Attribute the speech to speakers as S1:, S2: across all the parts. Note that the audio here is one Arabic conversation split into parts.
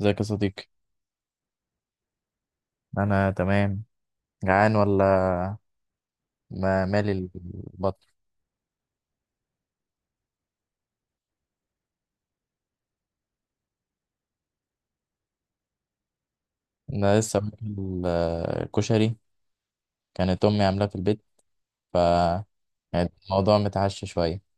S1: ازيك يا صديقي؟ انا تمام. جعان ولا؟ ما مالي البطن. انا لسه باكل. آه، كشري. كانت امي عاملاه في البيت. ف يعني الموضوع متعشى شويه.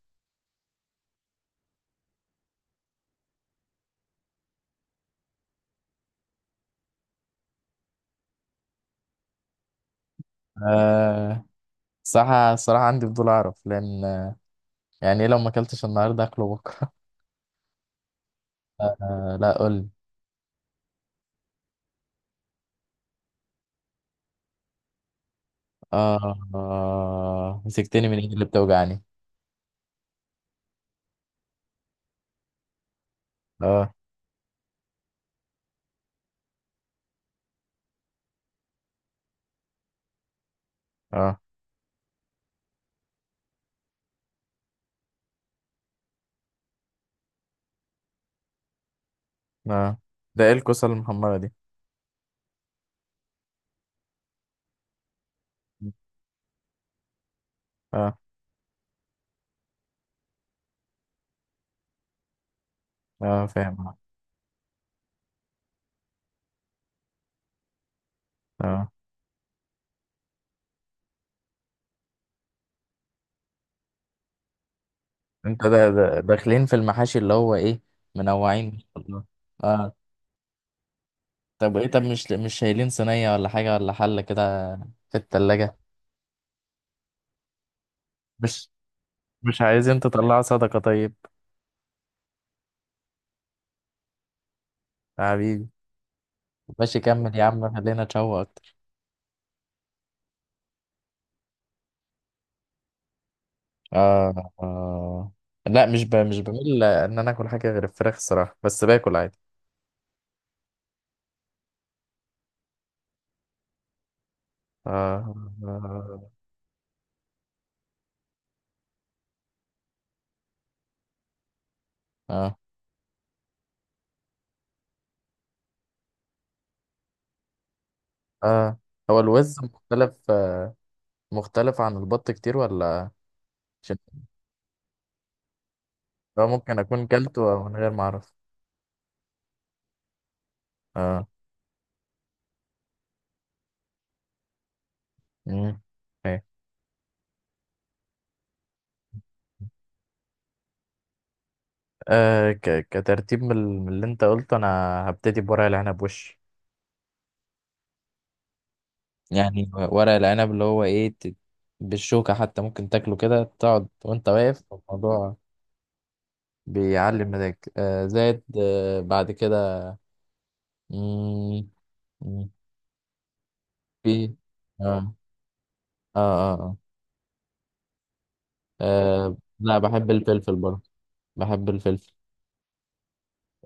S1: أه، صراحة الصراحة عندي فضول أعرف لأن يعني إيه لو ما أكلتش النهاردة أكله بكرة؟ أه، لا، قول لي. أه، مسكتني من إيدي اللي بتوجعني. أه. أه. أه، ده إيه الكوسة المحمرة دي؟ أه، أه فاهم. أه، آه. انت ده داخلين في المحاشي اللي هو ايه؟ منوعين ما شاء الله. اه. طب ايه، مش شايلين صينية ولا حاجة ولا حلة كده في التلاجة؟ مش مش عايزين تطلعوا صدقة طيب؟ يا حبيبي، ماشي كمل يا عم، خلينا نتشوق اكتر. آه، اه. لا، مش بميل ان انا اكل حاجة غير الفراخ الصراحة، بس باكل عادي. اه، اه، اه، آه. هو الوز مختلف، مختلف عن البط كتير ولا؟ عشان هو ممكن اكون كلته من غير ما اعرف. اه. مم. أوكي. أه، كترتيب من من اللي انت قلته، انا هبتدي بورق العنب يعني ورق العنب اللي هو ايه، بالشوكة حتى ممكن تاكله كده، تقعد وانت واقف. الموضوع بيعلي مزاجك. زائد بعد كده. مم، مم، في اه، اه، اه، آه. آه، لا، بحب الفلفل برضه. بحب الفلفل.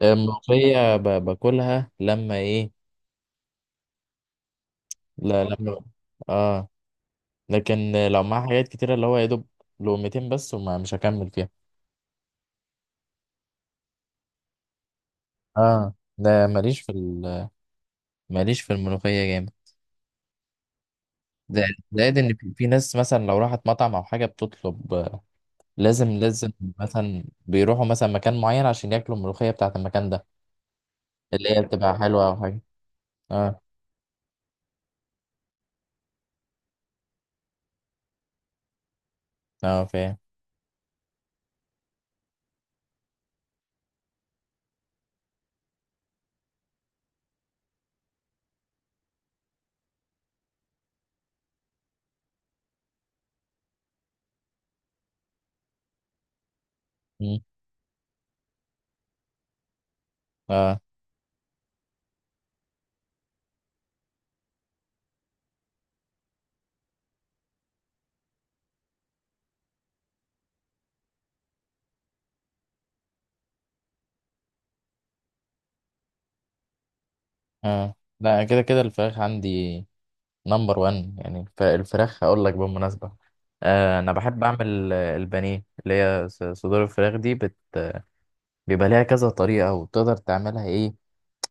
S1: آه، الملوخية باكلها لما ايه. لا، لما اه، لكن لو معاه حاجات كتيرة، اللي هو يا دوب لقمتين بس وما مش هكمل فيها. اه، ده ماليش في ماليش في الملوخية جامد. ده، زائد ان في ناس مثلا لو راحت مطعم او حاجة بتطلب لازم لازم مثلا بيروحوا مثلا مكان معين عشان ياكلوا الملوخية بتاعة المكان ده، اللي هي بتبقى حلوة او حاجة. اه، اه فاهم. مم. اه. اه، لا، كده كده الفراخ عندي نمبر وان. يعني الفراخ هقول لك بالمناسبة، آه، انا بحب اعمل البانيه اللي هي صدور الفراخ دي، بيبقى ليها كذا طريقة وتقدر تعملها ايه،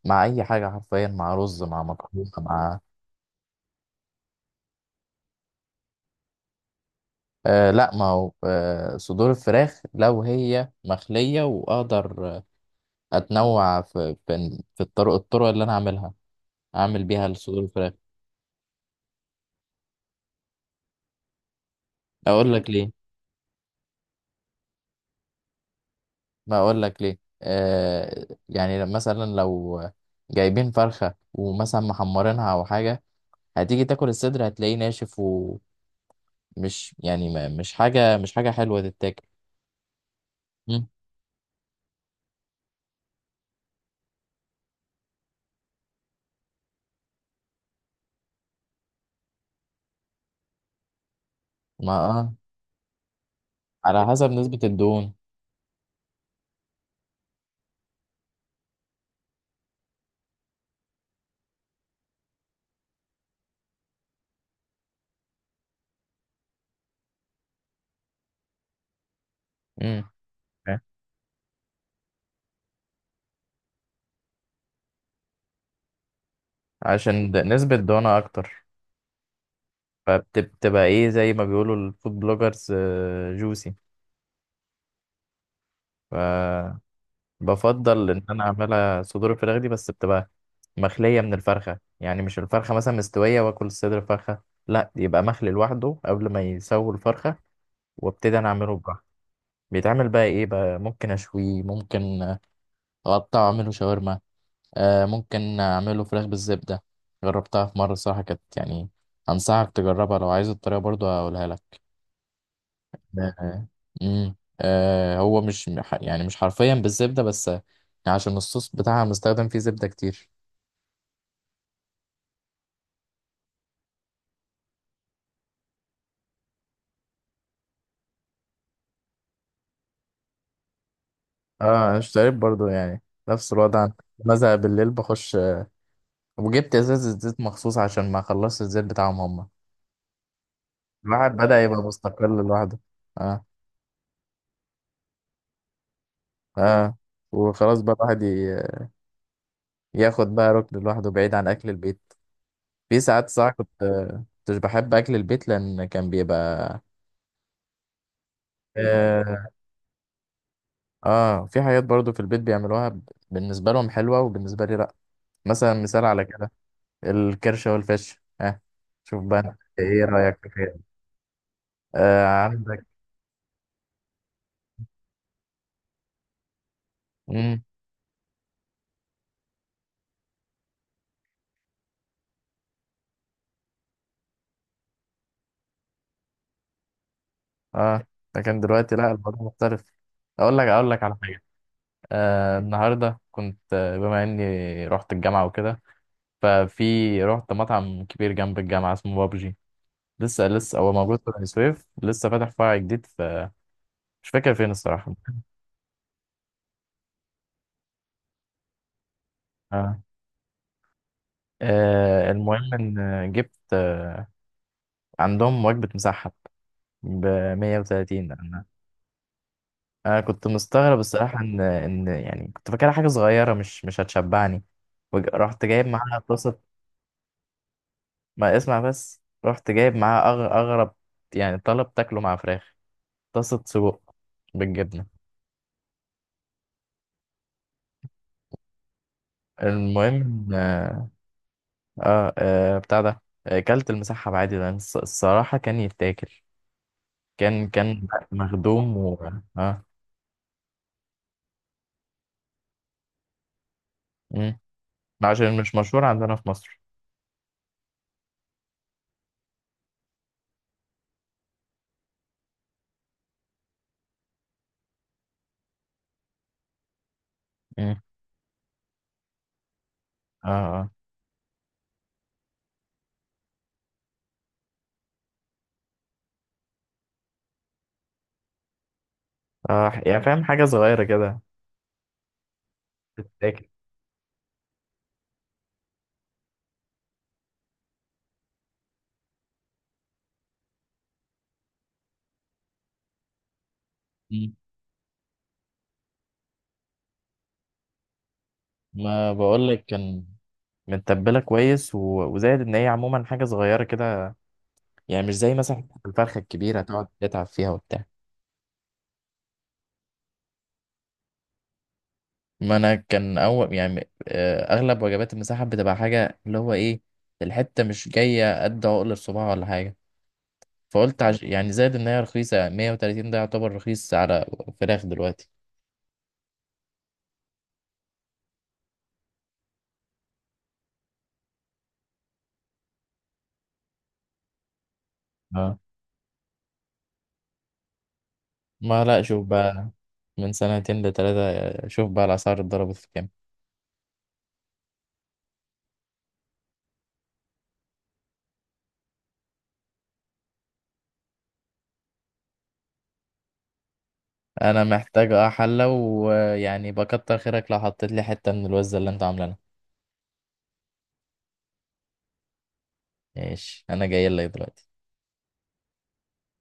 S1: مع اي حاجة حرفيا، مع رز مع مكرونة مع... آه، لا، ما هو صدور الفراخ لو هي مخلية واقدر اتنوع في في الطرق اللي انا اعملها، اعمل بيها صدور الفراخ. اقول لك ليه. ما اقول لك ليه، يعني مثلا لو جايبين فرخة ومثلا محمرينها او حاجة، هتيجي تاكل الصدر هتلاقيه ناشف، ومش يعني ما مش حاجة حلوة تتاكل. مم. ما اه، على حسب نسبة الدهون. امم. أوكي. عشان نسبة دهونها أكتر، فبتبقى إيه، زي ما بيقولوا الفود بلوجرز، جوسي. فبفضل إن أنا أعملها صدور الفراخ دي، بس بتبقى مخلية من الفرخة، يعني مش الفرخة مثلا مستوية وآكل صدر الفرخة، لا، يبقى مخلي لوحده قبل ما يسوي الفرخة، وابتدي أنا أعمله براحتي. بيتعمل بقى إيه بقى، ممكن أشويه، ممكن أقطعه أعمله شاورما، آه، ممكن اعمله فراخ بالزبدة. جربتها في مرة صراحة كانت يعني، انصحك تجربها. لو عايز الطريقة برضو هقولها لك. آه. مم. آه، هو مش، يعني مش حرفيا بالزبدة بس عشان الصوص بتاعها مستخدم فيه زبدة كتير. اه، انا اشتريت برضو يعني نفس الوضع. بزهق بالليل بخش وجبت ازازة زيت مخصوص عشان ما خلصت الزيت بتاعهم هما. الواحد بدأ يبقى مستقل لوحده. اه، اه. وخلاص بقى الواحد ياخد بقى ركن لوحده بعيد عن اكل البيت. في ساعات صح كنت كنتش بحب اكل البيت لان كان بيبقى اه، في حاجات برضو في البيت بيعملوها، بالنسبه لهم حلوه وبالنسبه لي لا. مثلا، مثال على كده الكرشه والفش. ها، شوف بقى أنت ايه رايك في كده. آه عندك. امم. اه، لكن دلوقتي لا، الموضوع مختلف. اقول لك على حاجه. آه، النهارده كنت بما اني رحت الجامعه وكده، رحت مطعم كبير جنب الجامعه اسمه بابجي. لسه هو موجود في بني سويف، لسه فاتح فرع جديد في، مش فاكر فين الصراحة. آه. آه، المهم إن جبت عندهم وجبة مسحب ب 130. أنا كنت مستغرب الصراحة، إن يعني كنت فاكرها حاجة صغيرة، مش هتشبعني، رحت جايب معاها طاسة. ما اسمع بس، رحت جايب معاها أغرب يعني طلب تاكله مع فراخ، طاسة سجق بالجبنة. المهم، اه، بتاع ده، كلت المسحب عادي لان الصراحة كان يتاكل، كان مخدوم و اه، مم. عشان مش مشهور عندنا في مصر. مم. اه، اه، اه، يعني فاهم، حاجة صغيرة كده تتاكل. مم. ما بقولك كان متبلة كويس و... وزائد ان هي عموما حاجة صغيرة كده، يعني مش زي مثلا الفرخة الكبيرة تقعد تتعب فيها وبتاع. ما انا كان اول، يعني اغلب وجبات المساحه بتبقى حاجه اللي هو ايه، الحته مش جايه قد عقل الصباع ولا حاجه. فقلت يعني زائد ان هي رخيصه، 130 ده يعتبر رخيص على فراخ دلوقتي. اه، ما لا، شوف بقى. من سنتين لتلاتة، شوف بقى الاسعار اتضربت في كام. انا محتاج اه حله، ويعني بكتر خيرك لو حطيت لي حته من الوزه اللي انت عاملها. ماشي، انا جاي لك دلوقتي.